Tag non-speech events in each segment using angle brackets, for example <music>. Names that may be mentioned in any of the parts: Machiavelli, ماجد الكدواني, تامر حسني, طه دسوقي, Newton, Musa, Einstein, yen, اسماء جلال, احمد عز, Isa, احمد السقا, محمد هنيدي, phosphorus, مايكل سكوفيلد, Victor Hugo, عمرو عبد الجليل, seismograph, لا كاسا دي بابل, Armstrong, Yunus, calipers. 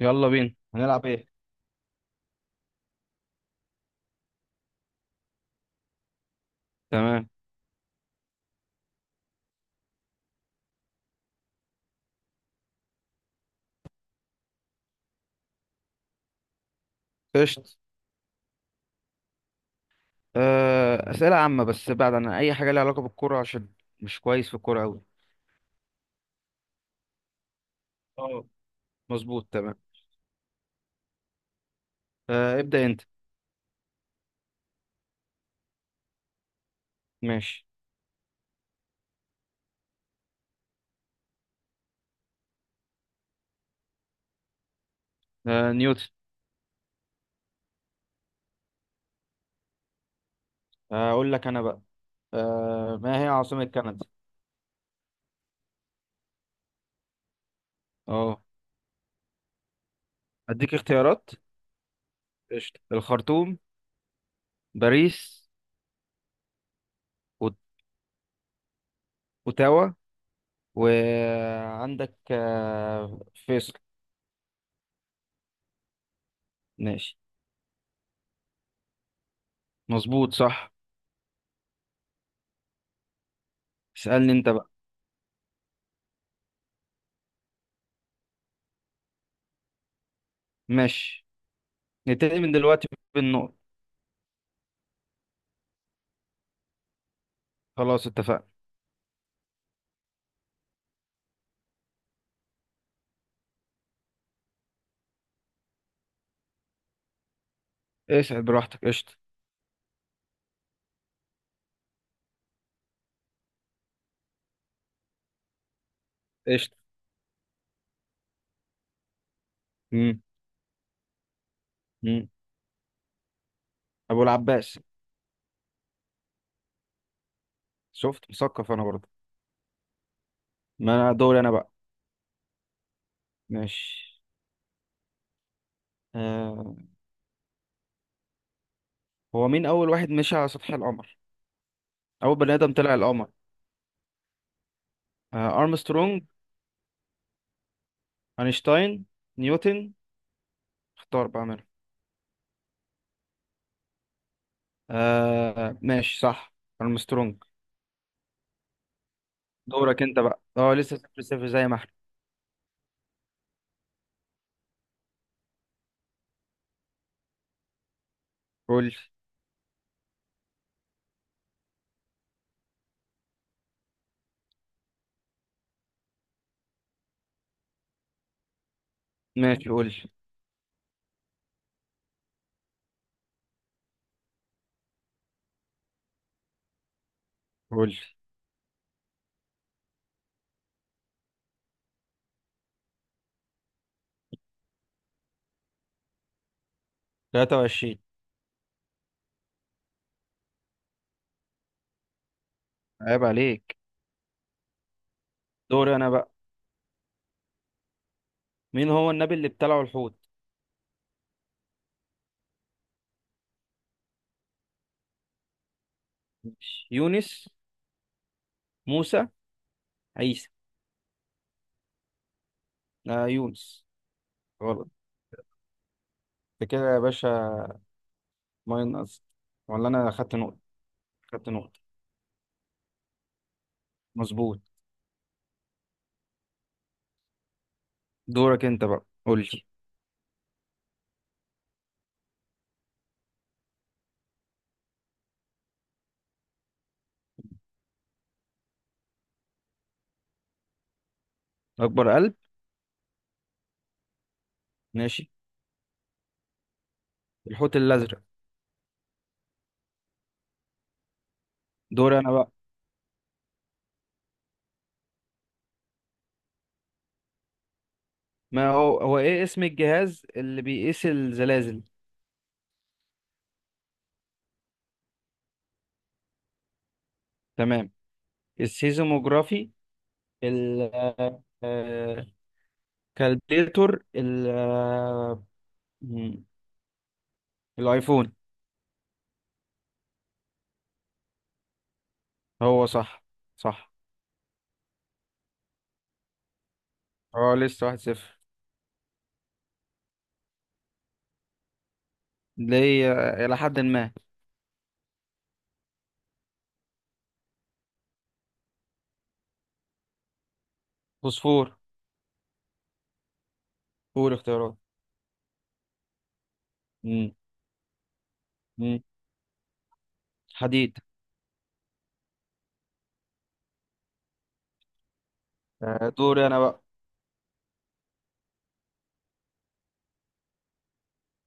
يلا بينا هنلعب ايه؟ تمام. قشط، أسئلة عامة بس بعد عن أي حاجة ليها علاقة بالكرة عشان مش كويس في الكرة أوي. اه، مظبوط، تمام. ابدأ أنت. ماشي. نيوتن. أقول لك أنا بقى. آه، ما هي عاصمة كندا؟ اه، أديك اختيارات. قشطة. الخرطوم، باريس، أوت- أوتاوا، وعندك فيصل. ماشي. مظبوط، صح. اسألني أنت بقى. ماشي، نبتدي من دلوقتي بالنقط. خلاص اتفقنا. اسعد براحتك، قشطة. قشطة. مم. مم. أبو العباس. شفت، مثقف أنا برضه. ما أنا دوري أنا بقى. ماشي. آه. هو مين أول واحد مشي على سطح القمر؟ أول بني آدم طلع القمر. أرمسترونج، أينشتاين، نيوتن، اختار بقى منهم. ماشي، صح أرمسترونج. دورك أنت بقى، أه لسه صفر صفر زي ما إحنا. قول. ماشي، قول قول. 23. عيب عليك. دوري أنا بقى. مين هو النبي اللي ابتلعه الحوت؟ ماشي. يونس، موسى، عيسى. آه، يونس. غلط، انت كده يا باشا. ماينس؟ ولا انا خدت نقطة؟ خدت نقطة، مظبوط. دورك انت بقى، قول لي. اكبر قلب؟ ماشي. الحوت الازرق. دوري انا بقى. ما هو ايه اسم الجهاز اللي بيقيس الزلازل؟ تمام. السيزموجرافي، ال آه، كالبيتور، ال آه، مم، الايفون. هو صح، صح. اه، لسه واحد صفر. ليه؟ الى حد ما. فوسفور. قول اختيارات. مم. حديد. دوري انا بقى.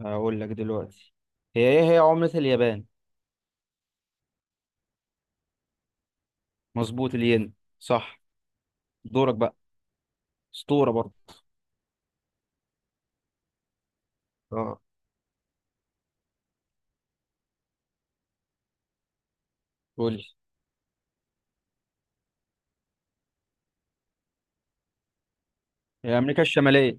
هقول لك دلوقتي، هي ايه هي عملة اليابان. مظبوط، الين، صح. دورك بقى. اسطورة برضه. اه. قول لي. هي امريكا الشمالية.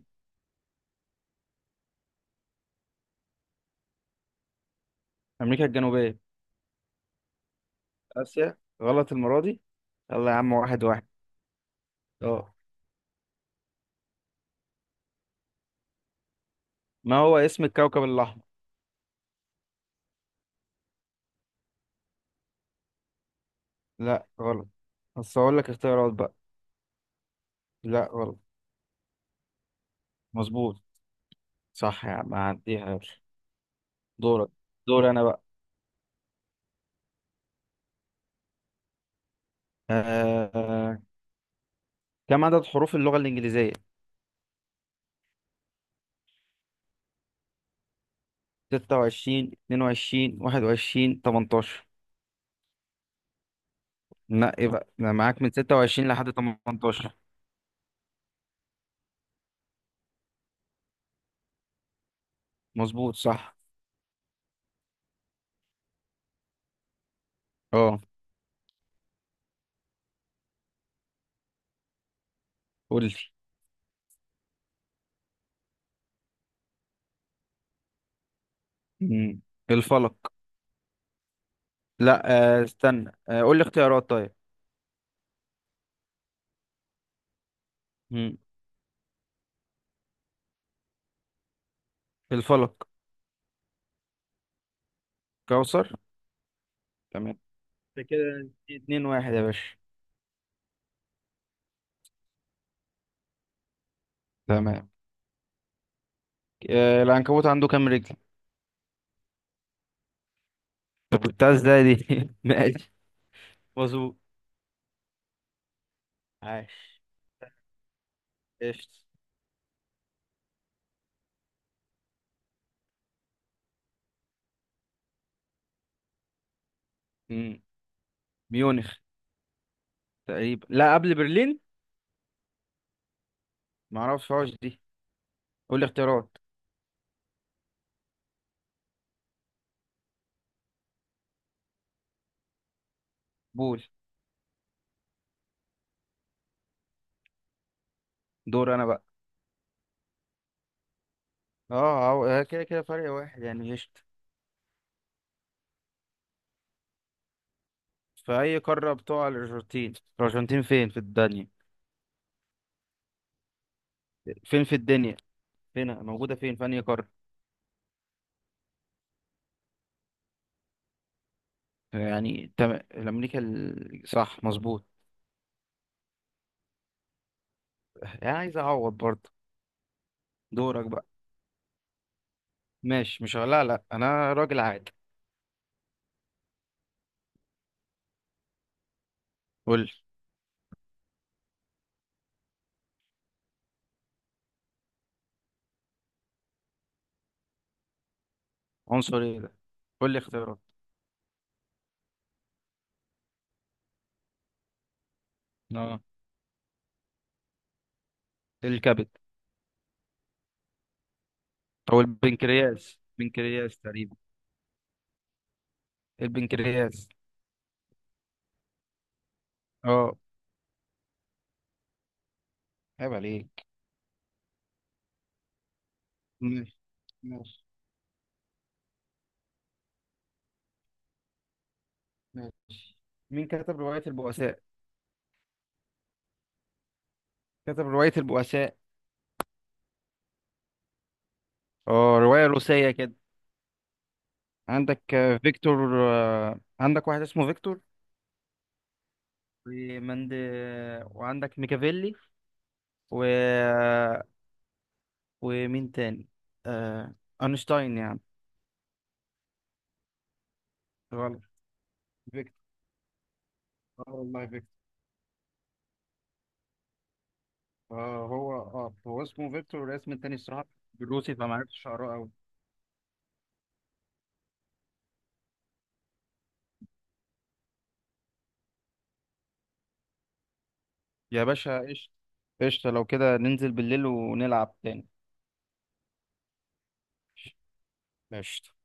امريكا الجنوبية. اسيا، غلط المرة دي. يلا يا عم، واحد واحد. اه. ما هو اسم الكوكب الاحمر؟ لا غلط. بس هقول لك اختيارات بقى. لا غلط. مظبوط، صح يا عم هعديها، يلا. دورك. دوري انا بقى. آه... آه، كم عدد حروف اللغة الإنجليزية؟ 26، 22، 21، 18. نقي بقى أنا معاك، من 26 لحد 18. مظبوط، صح. اه، قول لي. مم. الفلك. لا. استنى، قول لي اختيارات طيب. مم. الفلك. كوثر. تمام، ده كده اتنين واحد يا باشا. تمام. العنكبوت عنده كام رجل؟ طب جبتها ازاي دي؟ <laughs> ماشي. مظبوط، عاش. قشطة. مم. ميونخ تقريبا. لا قبل برلين؟ معرفهاش دي، قول لي اختيارات. بول. دور انا بقى. اه، كده كده فرق واحد يعني، قشطة. في اي قارة بتقع الارجنتين؟ الارجنتين فين في الدنيا؟ فين في الدنيا؟ فين موجودة، فين في انهي قارة؟ يعني تمام، الامريكا صح مظبوط. يعني عايز اعوض برضه. دورك بقى. ماشي مش، لا لا انا راجل عادي. قول لي. عنصر ايه ده؟ قول لي اختيارات. اه. الكبد. او البنكرياس، بنكرياس تقريبا. البنكرياس. اه. عيب عليك. ماشي ماشي ماشي. مين كتب رواية البؤساء؟ كتب رواية البؤساء. اه، رواية روسية كده. عندك فيكتور، عندك واحد اسمه فيكتور، ومند وعندك ميكافيلي، و... ومين تاني؟ آه... أينشتاين يعني. غلط. فيكتور. اه والله فيكتور. هو اسمه فيكتور، والاسم التاني الصراحة بالروسي فما عرفتش اقراه قوي. يا باشا قشطة. قشطة، لو كده ننزل بالليل ونلعب تاني. ماشي.